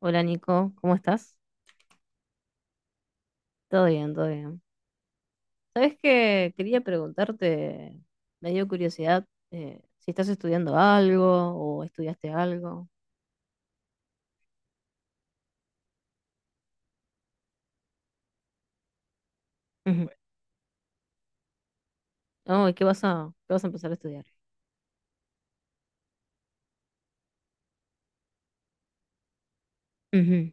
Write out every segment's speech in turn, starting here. Hola Nico, ¿cómo estás? Todo bien, todo bien. ¿Sabes qué? Quería preguntarte, me dio curiosidad, si estás estudiando algo o estudiaste algo. Ujú. Oh, ¿qué vas a, qué vas a empezar a estudiar? Ujú.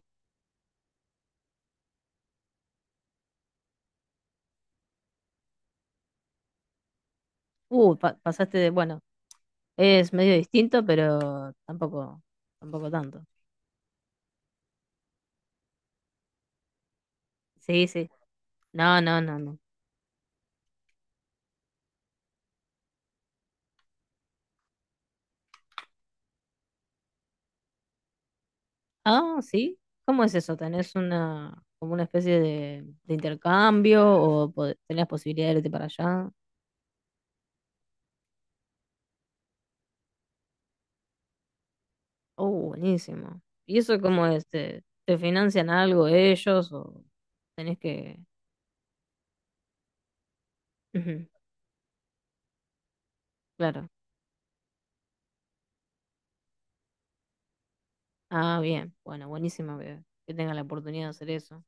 Pasaste de, bueno, es medio distinto, pero tampoco tanto. Sí, sí. No, no, no, no. Ah, sí. ¿Cómo es eso? ¿Tenés una, como una especie de intercambio o tenés posibilidad de irte para allá? Oh, buenísimo. ¿Y eso cómo es? ¿Te, te financian algo ellos o tenés que...? Ujú, claro. Ah, bien. Bueno, que tengas la oportunidad de hacer eso.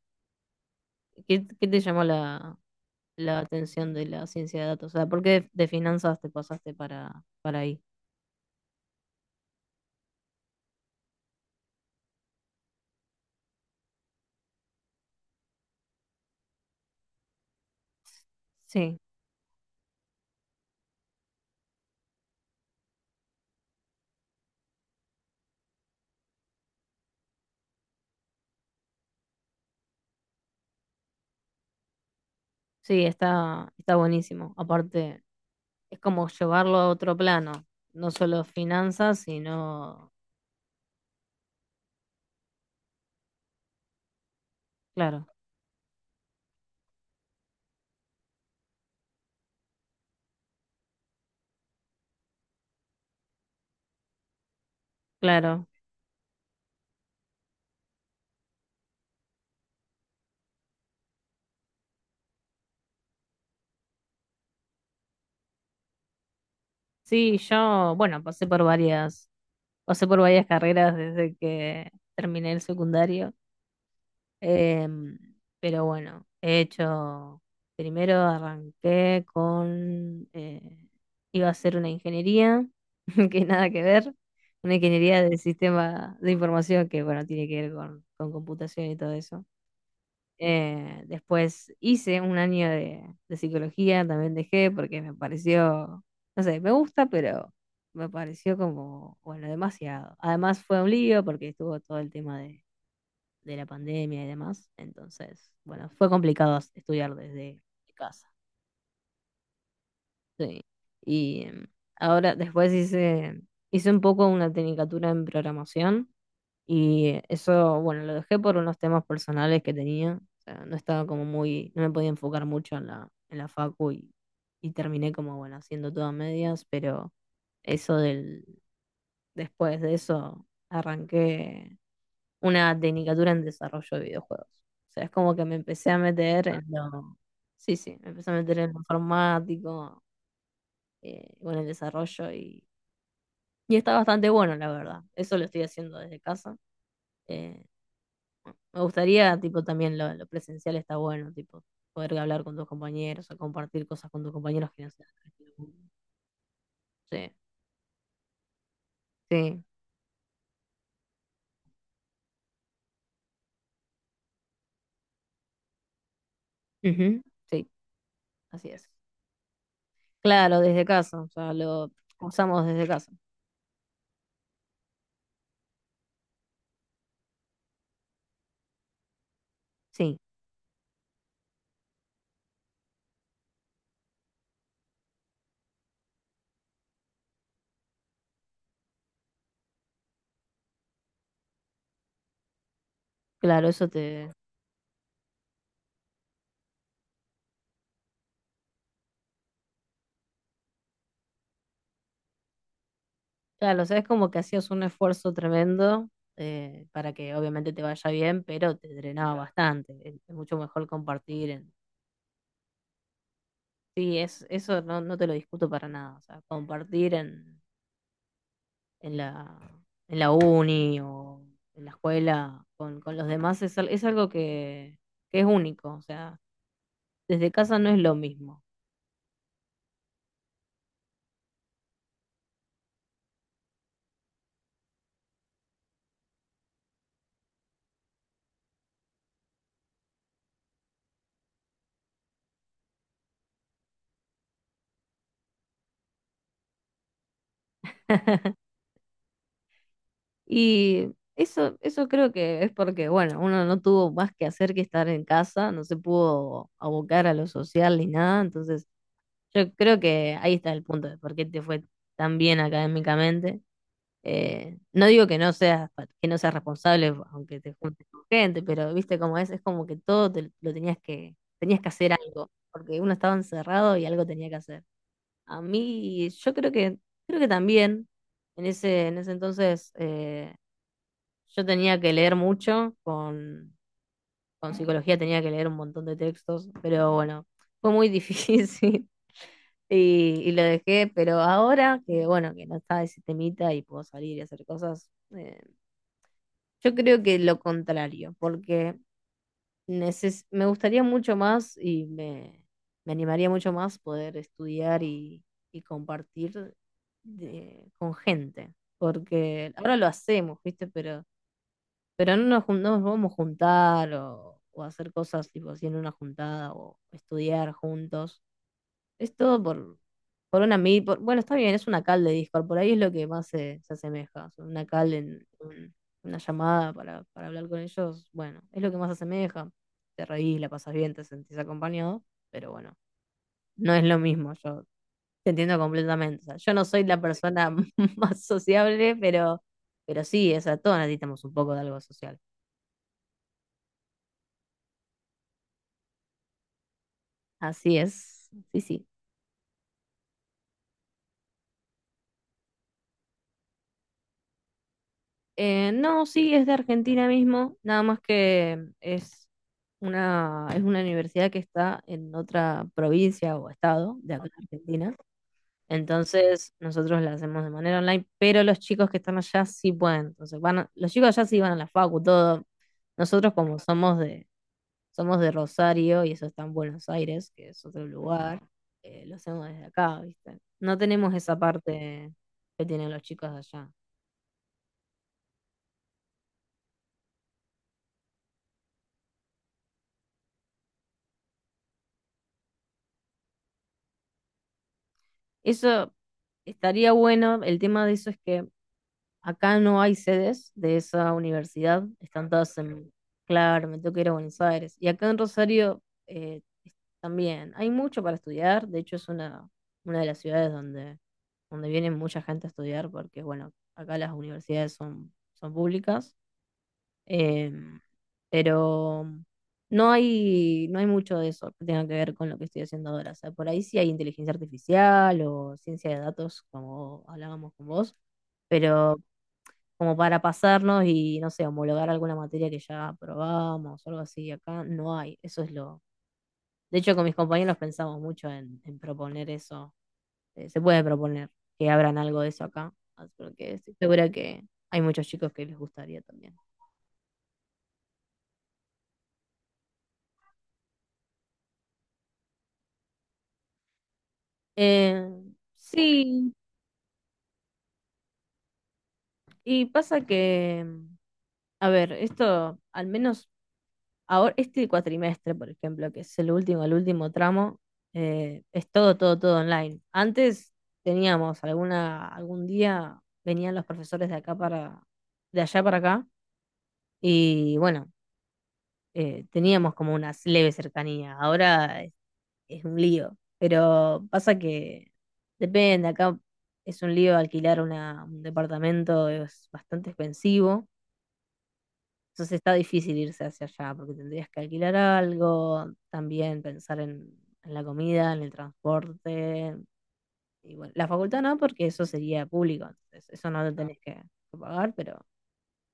¿Qué te llamó la, la atención de la ciencia de datos? O sea, ¿por qué de finanzas te pasaste para ahí? Sí, sí, está, está buenísimo. Aparte, es como llevarlo a otro plano, no solo finanzas, sino, claro, claro. Sí, yo, bueno, pasé por varias carreras desde que terminé el secundario, em, pero bueno, primero arranqué con, iba a hacer una ingeniería, que nada que ver, una ingeniería de sistema de información que, bueno, tiene que ver con computación y todo eso. Después hice un año de psicología, también dejé porque me pareció, no sé, me gusta, pero me pareció como, bueno, demasiado. Además fue un lío porque estuvo todo el tema de la pandemia y demás. Entonces, bueno, fue complicado estudiar desde casa. Sí. Y ahora hice un poco una tecnicatura en programación y eso, bueno, lo dejé por unos temas personales que tenía. O sea, no estaba como muy, no me podía enfocar mucho en la facu y terminé como, bueno, haciendo todo a medias, pero eso del, después de eso, arranqué una tecnicatura en desarrollo de videojuegos. O sea, es como que me empecé a meter en lo, sí, sí, me empecé a meter en lo informático, bueno, el desarrollo y está bastante bueno, la verdad. Eso lo estoy haciendo desde casa. eh, Me gustaría, tipo, también lo presencial está bueno, tipo, poder hablar con tus compañeros o compartir cosas con tus compañeros que no sean. Sí, sí, ujú, sí, así es. Claro, desde casa, o sea, lo usamos desde casa. Sí, claro, eso te... Claro, o sea, es como que hacías un esfuerzo tremendo para que obviamente te vaya bien, pero te drenaba bastante. Es mucho mejor compartir en... Sí, es, eso no, no te lo discuto para nada, o sea, compartir en la, en la uni o en la escuela con los demás es, es algo que es único, o sea, desde casa no es lo mismo. Y eso creo que es porque, bueno, uno no tuvo más que hacer que estar en casa, no se pudo abocar a lo social ni nada, entonces yo creo que ahí está el punto de por qué te fue tan bien académicamente. No digo que no seas, que no seas responsable aunque te juntes con gente, pero viste cómo es como que todo lo tenías que hacer algo, porque uno estaba encerrado y algo tenía que hacer. A mí, yo creo que también en ese entonces yo tenía que leer mucho, con psicología tenía que leer un montón de textos, pero bueno, fue muy difícil y lo dejé, pero ahora que bueno, que no está ese temita y puedo salir y hacer cosas, yo creo que lo contrario, porque me gustaría mucho más y me animaría mucho más poder estudiar y compartir con gente, porque ahora lo hacemos, ¿viste? Pero no nos, no nos vamos a juntar o hacer cosas tipo así en una juntada o estudiar juntos. Es todo por una mid. Bueno, está bien, es una call de Discord. Por ahí es lo que más se, se asemeja. O sea, una call una llamada para hablar con ellos. Bueno, es lo que más se asemeja. Te reís, la pasas bien, te sentís acompañado. Pero bueno, no es lo mismo. Yo te entiendo completamente. O sea, yo no soy la persona más sociable, pero sí, o sea, todos necesitamos un poco de algo social. Así es. Sí, sí. No, sí, es de Argentina mismo, nada más que es una universidad que está en otra provincia o estado de acá en Argentina. Entonces, nosotros la hacemos de manera online, pero los chicos que están allá sí pueden. Entonces, los chicos allá sí van a la facu, todo. Nosotros como somos de Rosario y eso está en Buenos Aires, que es otro lugar, lo hacemos desde acá, ¿viste? No tenemos esa parte que tienen los chicos de allá. Eso estaría bueno. El tema de eso es que acá no hay sedes de esa universidad. Están todas en, claro, me tengo que ir a Buenos Aires. Y acá en Rosario eh, también hay mucho para estudiar. De hecho, es una de las ciudades donde, donde viene mucha gente a estudiar porque, bueno, acá las universidades son, son públicas. Em, pero no hay, no hay mucho de eso que tenga que ver con lo que estoy haciendo ahora. O sea, por ahí sí hay inteligencia artificial o ciencia de datos, como hablábamos con vos, pero como para pasarnos y, no sé, homologar alguna materia que ya probamos o algo así, acá no hay. Eso es lo... De hecho, con mis compañeros pensamos mucho en proponer eso. Se puede proponer que abran algo de eso acá, ah, porque estoy segura que hay muchos chicos que les gustaría también. Eh, sí, y pasa que, a ver, esto, al menos ahora, este cuatrimestre, por ejemplo, que es el último tramo, es todo, todo, todo online. Antes teníamos alguna, algún día venían los profesores de acá para, de allá para acá, y bueno, teníamos como una leve cercanía. Ahora es un lío. Pero pasa que depende, acá es un lío alquilar una, un departamento, es bastante expensivo. Entonces está difícil irse hacia allá porque tendrías que alquilar algo, también pensar en la comida, en el transporte. Y bueno, la facultad no, porque eso sería público, entonces eso no lo tenés que pagar, pero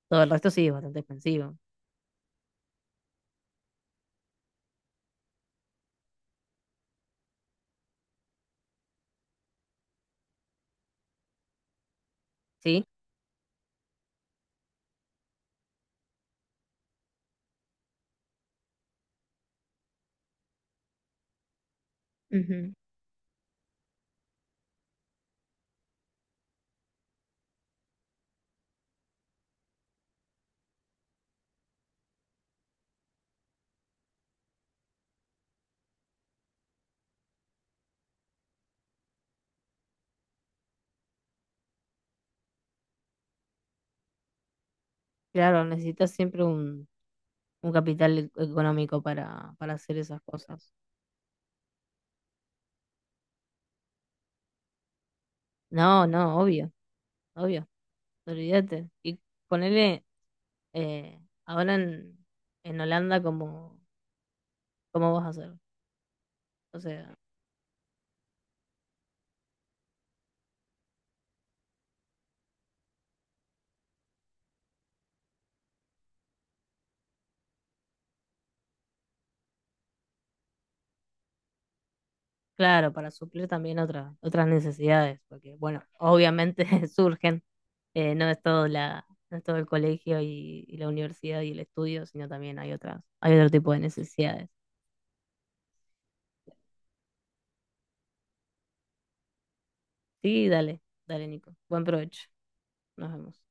todo el resto sí es bastante expensivo. ¿Sí? Ujú. Claro, necesitas siempre un económico para hacer esas cosas. No, no, obvio, obvio, olvídate. Y ponele eh, ahora en Holanda, ¿cómo, cómo vas a hacer? O sea. Claro, para suplir también otras necesidades, porque bueno, obviamente surgen, no es todo la, no es todo el colegio y la universidad y el estudio, sino también hay otras, hay otro tipo de necesidades. Sí, dale, dale, Nico. Buen provecho. Nos vemos.